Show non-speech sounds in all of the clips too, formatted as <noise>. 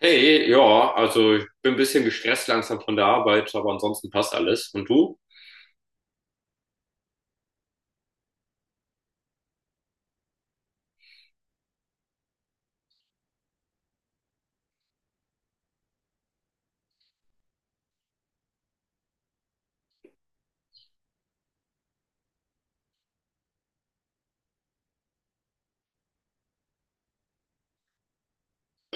Hey, ja, also ich bin ein bisschen gestresst langsam von der Arbeit, aber ansonsten passt alles. Und du?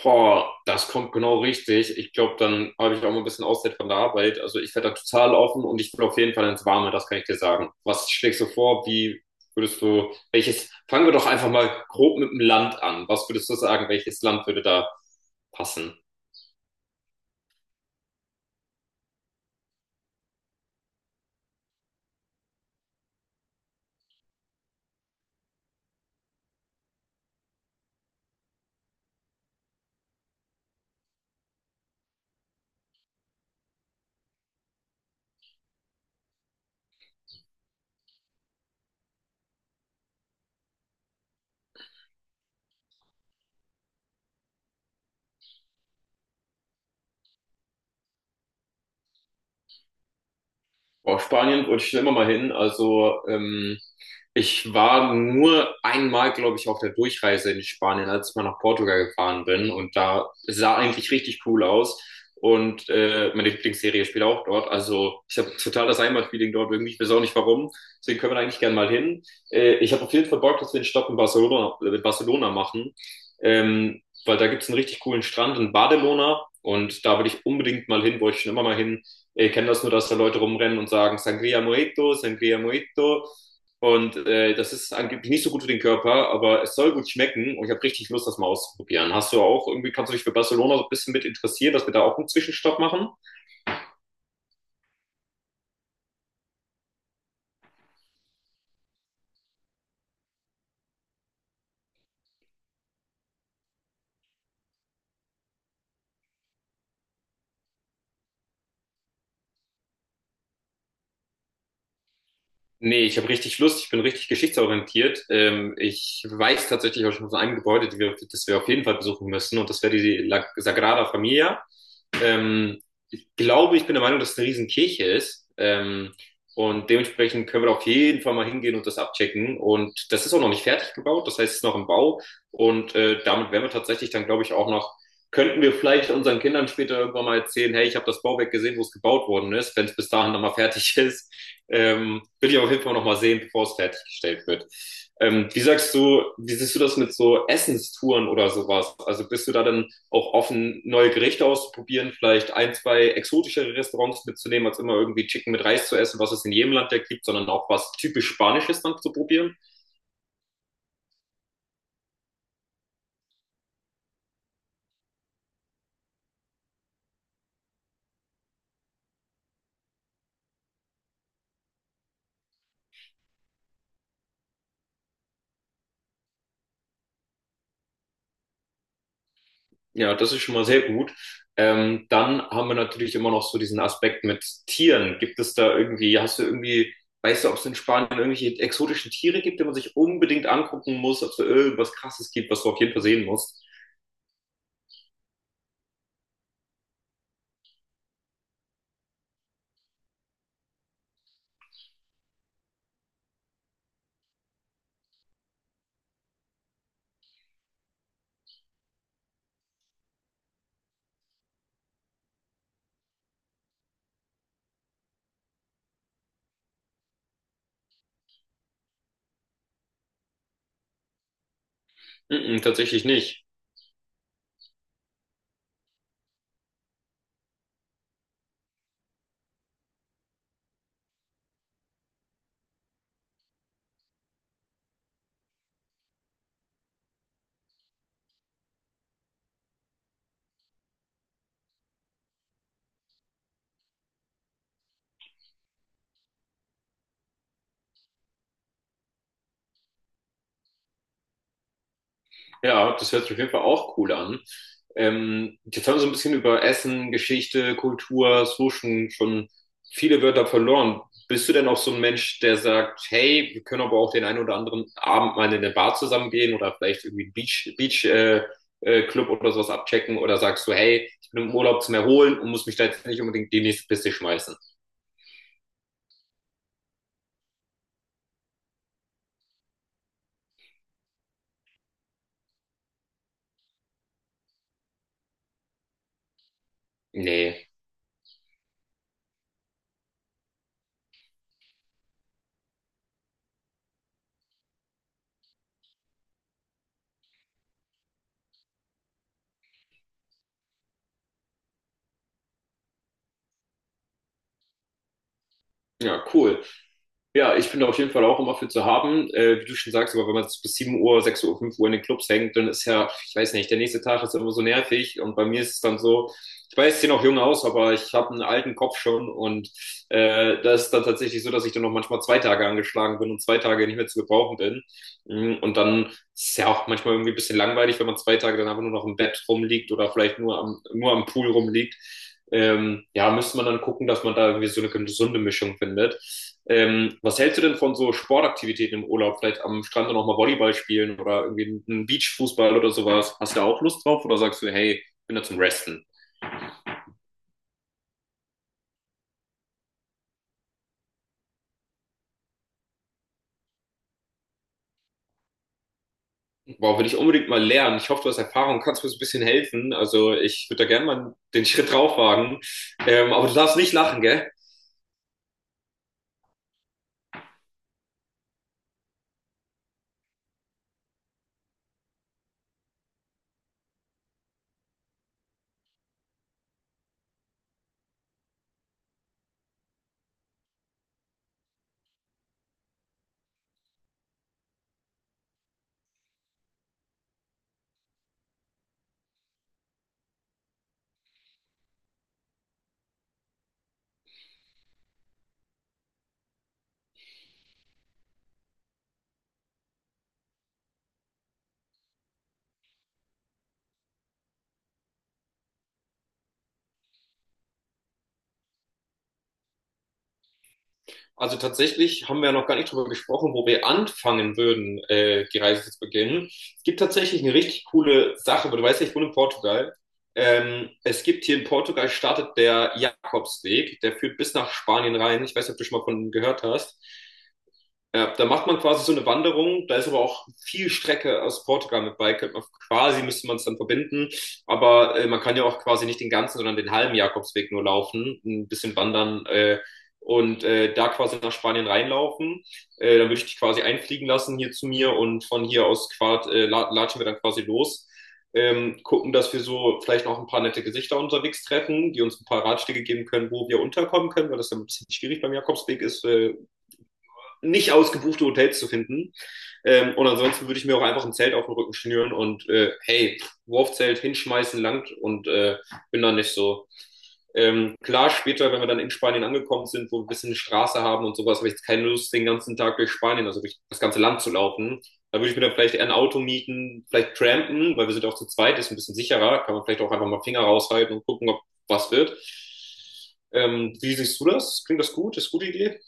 Boah, das kommt genau richtig. Ich glaube, dann habe ich auch mal ein bisschen Auszeit von der Arbeit. Also ich werde da total offen und ich will auf jeden Fall ins Warme, das kann ich dir sagen. Was schlägst du vor? Wie würdest du, welches, fangen wir doch einfach mal grob mit dem Land an. Was würdest du sagen, welches Land würde da passen? Boah, Spanien wollte ich schon immer mal hin. Also ich war nur einmal, glaube ich, auf der Durchreise in Spanien, als ich mal nach Portugal gefahren bin. Und da es sah eigentlich richtig cool aus. Und meine Lieblingsserie spielt auch dort. Also ich habe total das Heimatfeeling dort irgendwie. Ich weiß auch nicht warum. Deswegen können wir da eigentlich gerne mal hin. Ich habe auf jeden Fall Bock, dass wir einen Stopp in Barcelona machen. Weil da gibt es einen richtig coolen Strand in Barcelona. Und da will ich unbedingt mal hin, wollte ich schon immer mal hin. Ich kenne das nur, dass da Leute rumrennen und sagen Sangria Mojito, Sangria Mojito. Und das ist angeblich nicht so gut für den Körper, aber es soll gut schmecken und ich habe richtig Lust, das mal auszuprobieren. Hast du auch irgendwie, kannst du dich für Barcelona so ein bisschen mit interessieren, dass wir da auch einen Zwischenstopp machen? Nee, ich habe richtig Lust, ich bin richtig geschichtsorientiert. Ich weiß tatsächlich auch schon von einem Gebäude, die wir, das wir auf jeden Fall besuchen müssen, und das wäre die La Sagrada Familia. Ähm, ich glaube, ich bin der Meinung, dass es eine Riesenkirche ist. Und dementsprechend können wir da auf jeden Fall mal hingehen und das abchecken. Und das ist auch noch nicht fertig gebaut, das heißt, es ist noch im Bau. Und damit wären wir tatsächlich dann, glaube ich, auch noch, könnten wir vielleicht unseren Kindern später irgendwann mal erzählen, hey, ich habe das Bauwerk gesehen, wo es gebaut worden ist, wenn es bis dahin nochmal fertig <laughs> ist. Will ich auf jeden Fall nochmal sehen, bevor es fertiggestellt wird. Wie sagst du, wie siehst du das mit so Essenstouren oder sowas? Also bist du da dann auch offen, neue Gerichte auszuprobieren, vielleicht ein, zwei exotischere Restaurants mitzunehmen, als immer irgendwie Chicken mit Reis zu essen, was es in jedem Land ja gibt, sondern auch was typisch Spanisches dann zu probieren? Ja, das ist schon mal sehr gut. Dann haben wir natürlich immer noch so diesen Aspekt mit Tieren. Gibt es da irgendwie, hast du irgendwie, weißt du, ob es in Spanien irgendwelche exotischen Tiere gibt, die man sich unbedingt angucken muss, ob es da irgendwas Krasses gibt, was du auf jeden Fall sehen musst? Mm-mm, tatsächlich nicht. Ja, das hört sich auf jeden Fall auch cool an. Jetzt haben wir so ein bisschen über Essen, Geschichte, Kultur, so schon viele Wörter verloren. Bist du denn auch so ein Mensch, der sagt, hey, wir können aber auch den einen oder anderen Abend mal in eine Bar zusammengehen oder vielleicht irgendwie einen Beach, Club oder sowas abchecken oder sagst du, hey, ich bin im Urlaub zum Erholen und muss mich da jetzt nicht unbedingt die nächste Piste schmeißen? Nee. Ja, cool. Ja, ich bin auf jeden Fall auch immer für zu haben. Wie du schon sagst, aber wenn man bis 7 Uhr, 6 Uhr, 5 Uhr in den Clubs hängt, dann ist ja, ich weiß nicht, der nächste Tag ist ja immer so nervig. Und bei mir ist es dann so, ich weiß, ich sehe noch jung aus, aber ich habe einen alten Kopf schon. Und das ist dann tatsächlich so, dass ich dann noch manchmal zwei Tage angeschlagen bin und zwei Tage nicht mehr zu gebrauchen bin. Und dann ist ja auch manchmal irgendwie ein bisschen langweilig, wenn man zwei Tage dann einfach nur noch im Bett rumliegt oder vielleicht nur am Pool rumliegt. Ja, müsste man dann gucken, dass man da irgendwie so eine gesunde Mischung findet. Was hältst du denn von so Sportaktivitäten im Urlaub? Vielleicht am Strand noch mal Volleyball spielen oder irgendwie einen Beachfußball oder sowas. Hast du da auch Lust drauf oder sagst du, hey, ich bin da zum Resten? Wow, will ich unbedingt mal lernen. Ich hoffe, du hast Erfahrung, kannst mir so ein bisschen helfen. Also ich würde da gerne mal den Schritt drauf wagen. Aber du darfst nicht lachen, gell? Also tatsächlich haben wir ja noch gar nicht drüber gesprochen, wo wir anfangen würden, die Reise zu beginnen. Es gibt tatsächlich eine richtig coole Sache, aber du weißt ja, ich wohne in Portugal. Es gibt hier in Portugal startet der Jakobsweg, der führt bis nach Spanien rein. Ich weiß nicht, ob du schon mal von ihm gehört hast. Ja, da macht man quasi so eine Wanderung. Da ist aber auch viel Strecke aus Portugal mit bei. Könnte man quasi, müsste man es dann verbinden. Aber man kann ja auch quasi nicht den ganzen, sondern den halben Jakobsweg nur laufen, ein bisschen wandern und da quasi nach Spanien reinlaufen. Dann würde ich dich quasi einfliegen lassen hier zu mir und von hier aus latschen wir dann quasi los. Gucken, dass wir so vielleicht noch ein paar nette Gesichter unterwegs treffen, die uns ein paar Ratschläge geben können, wo wir unterkommen können, weil das ja ein bisschen schwierig beim Jakobsweg ist, nicht ausgebuchte Hotels zu finden. Und ansonsten würde ich mir auch einfach ein Zelt auf den Rücken schnüren und hey, Wurfzelt hinschmeißen langt und bin da nicht so. Klar, später, wenn wir dann in Spanien angekommen sind, wo wir ein bisschen eine Straße haben und sowas, habe ich jetzt keine Lust, den ganzen Tag durch Spanien, also durch das ganze Land zu laufen. Da würde ich mir dann vielleicht eher ein Auto mieten, vielleicht trampen, weil wir sind ja auch zu zweit, ist ein bisschen sicherer, kann man vielleicht auch einfach mal Finger raushalten und gucken, ob was wird. Wie siehst du das? Klingt das gut? Ist eine gute Idee?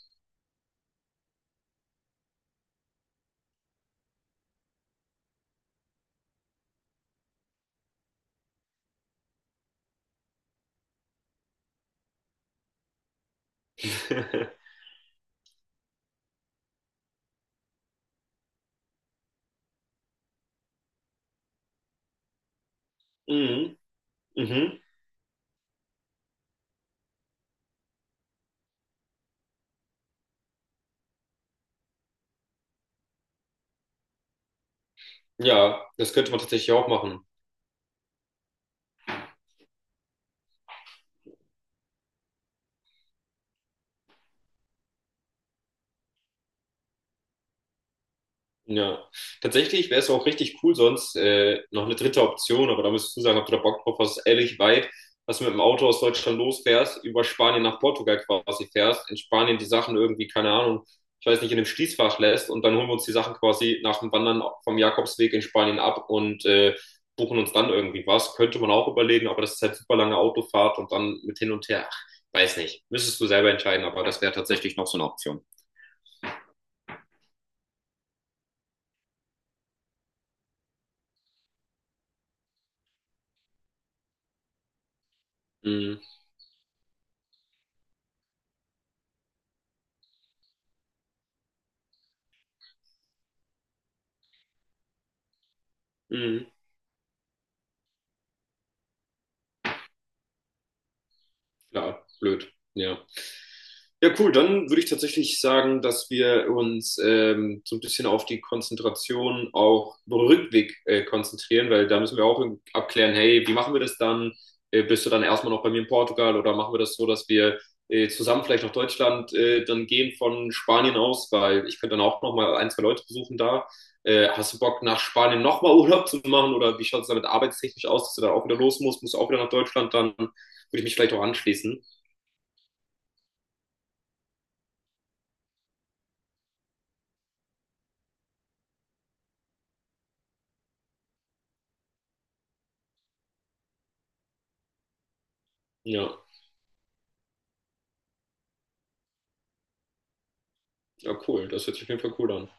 <laughs> Mhm. Mhm. Ja, das könnte man tatsächlich auch machen. Ja, tatsächlich wäre es auch richtig cool, sonst noch eine dritte Option, aber da müsstest du sagen, ob du da Bock drauf hast, ehrlich weit, was du mit dem Auto aus Deutschland losfährst, über Spanien nach Portugal quasi fährst, in Spanien die Sachen irgendwie, keine Ahnung, ich weiß nicht, in dem Schließfach lässt und dann holen wir uns die Sachen quasi nach dem Wandern vom Jakobsweg in Spanien ab und buchen uns dann irgendwie was. Könnte man auch überlegen, aber das ist halt super lange Autofahrt und dann mit hin und her. Ach, weiß nicht. Müsstest du selber entscheiden, aber das wäre tatsächlich noch so eine Option. Mm. Mhm. Klar, blöd. Ja. Ja, cool. Dann würde ich tatsächlich sagen, dass wir uns so ein bisschen auf die Konzentration auch über den Rückweg konzentrieren, weil da müssen wir auch abklären, hey, wie machen wir das dann? Bist du dann erstmal noch bei mir in Portugal oder machen wir das so, dass wir zusammen vielleicht nach Deutschland dann gehen von Spanien aus, weil ich könnte dann auch nochmal ein, zwei Leute besuchen da. Hast du Bock, nach Spanien nochmal Urlaub zu machen oder wie schaut es damit arbeitstechnisch aus, dass du da auch wieder los musst? Musst du auch wieder nach Deutschland? Dann würde ich mich vielleicht auch anschließen. Ja. Ja, cool. Das hört sich auf jeden Fall cool an.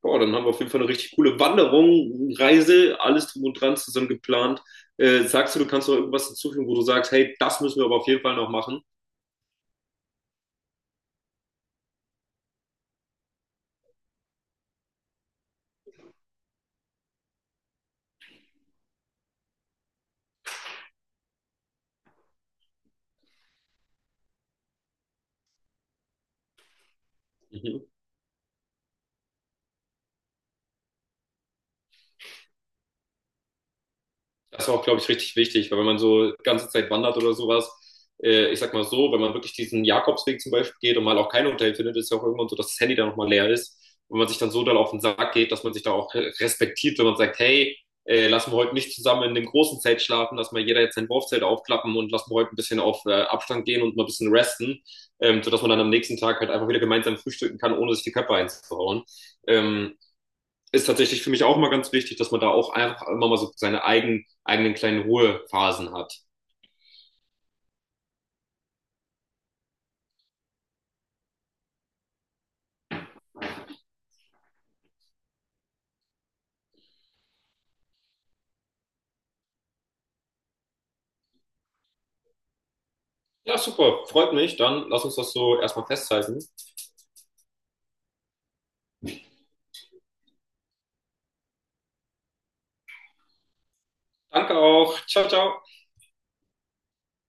Boah, dann haben wir auf jeden Fall eine richtig coole Wanderung, Reise, alles drum und dran zusammen geplant. Sagst du, du kannst noch irgendwas hinzufügen, wo du sagst, hey, das müssen wir aber auf jeden Fall noch machen? Mhm. Das ist auch, glaube ich, richtig wichtig, weil wenn man so die ganze Zeit wandert oder sowas, ich sag mal so, wenn man wirklich diesen Jakobsweg zum Beispiel geht und mal auch kein Hotel findet, ist ja auch irgendwann so, dass das Handy dann nochmal leer ist und man sich dann so dann auf den Sack geht, dass man sich da auch respektiert, wenn man sagt, hey, lassen wir heute nicht zusammen in dem großen Zelt schlafen, lass mal jeder jetzt sein Wurfzelt aufklappen und lassen wir heute ein bisschen auf Abstand gehen und mal ein bisschen resten, sodass man dann am nächsten Tag halt einfach wieder gemeinsam frühstücken kann, ohne sich die Köpfe einzuhauen. Ähm, ist tatsächlich für mich auch mal ganz wichtig, dass man da auch einfach immer mal so seine eigenen kleinen Ruhephasen hat. Ja, super, freut mich. Dann lass uns das so erstmal festhalten. Danke auch. Ciao, ciao.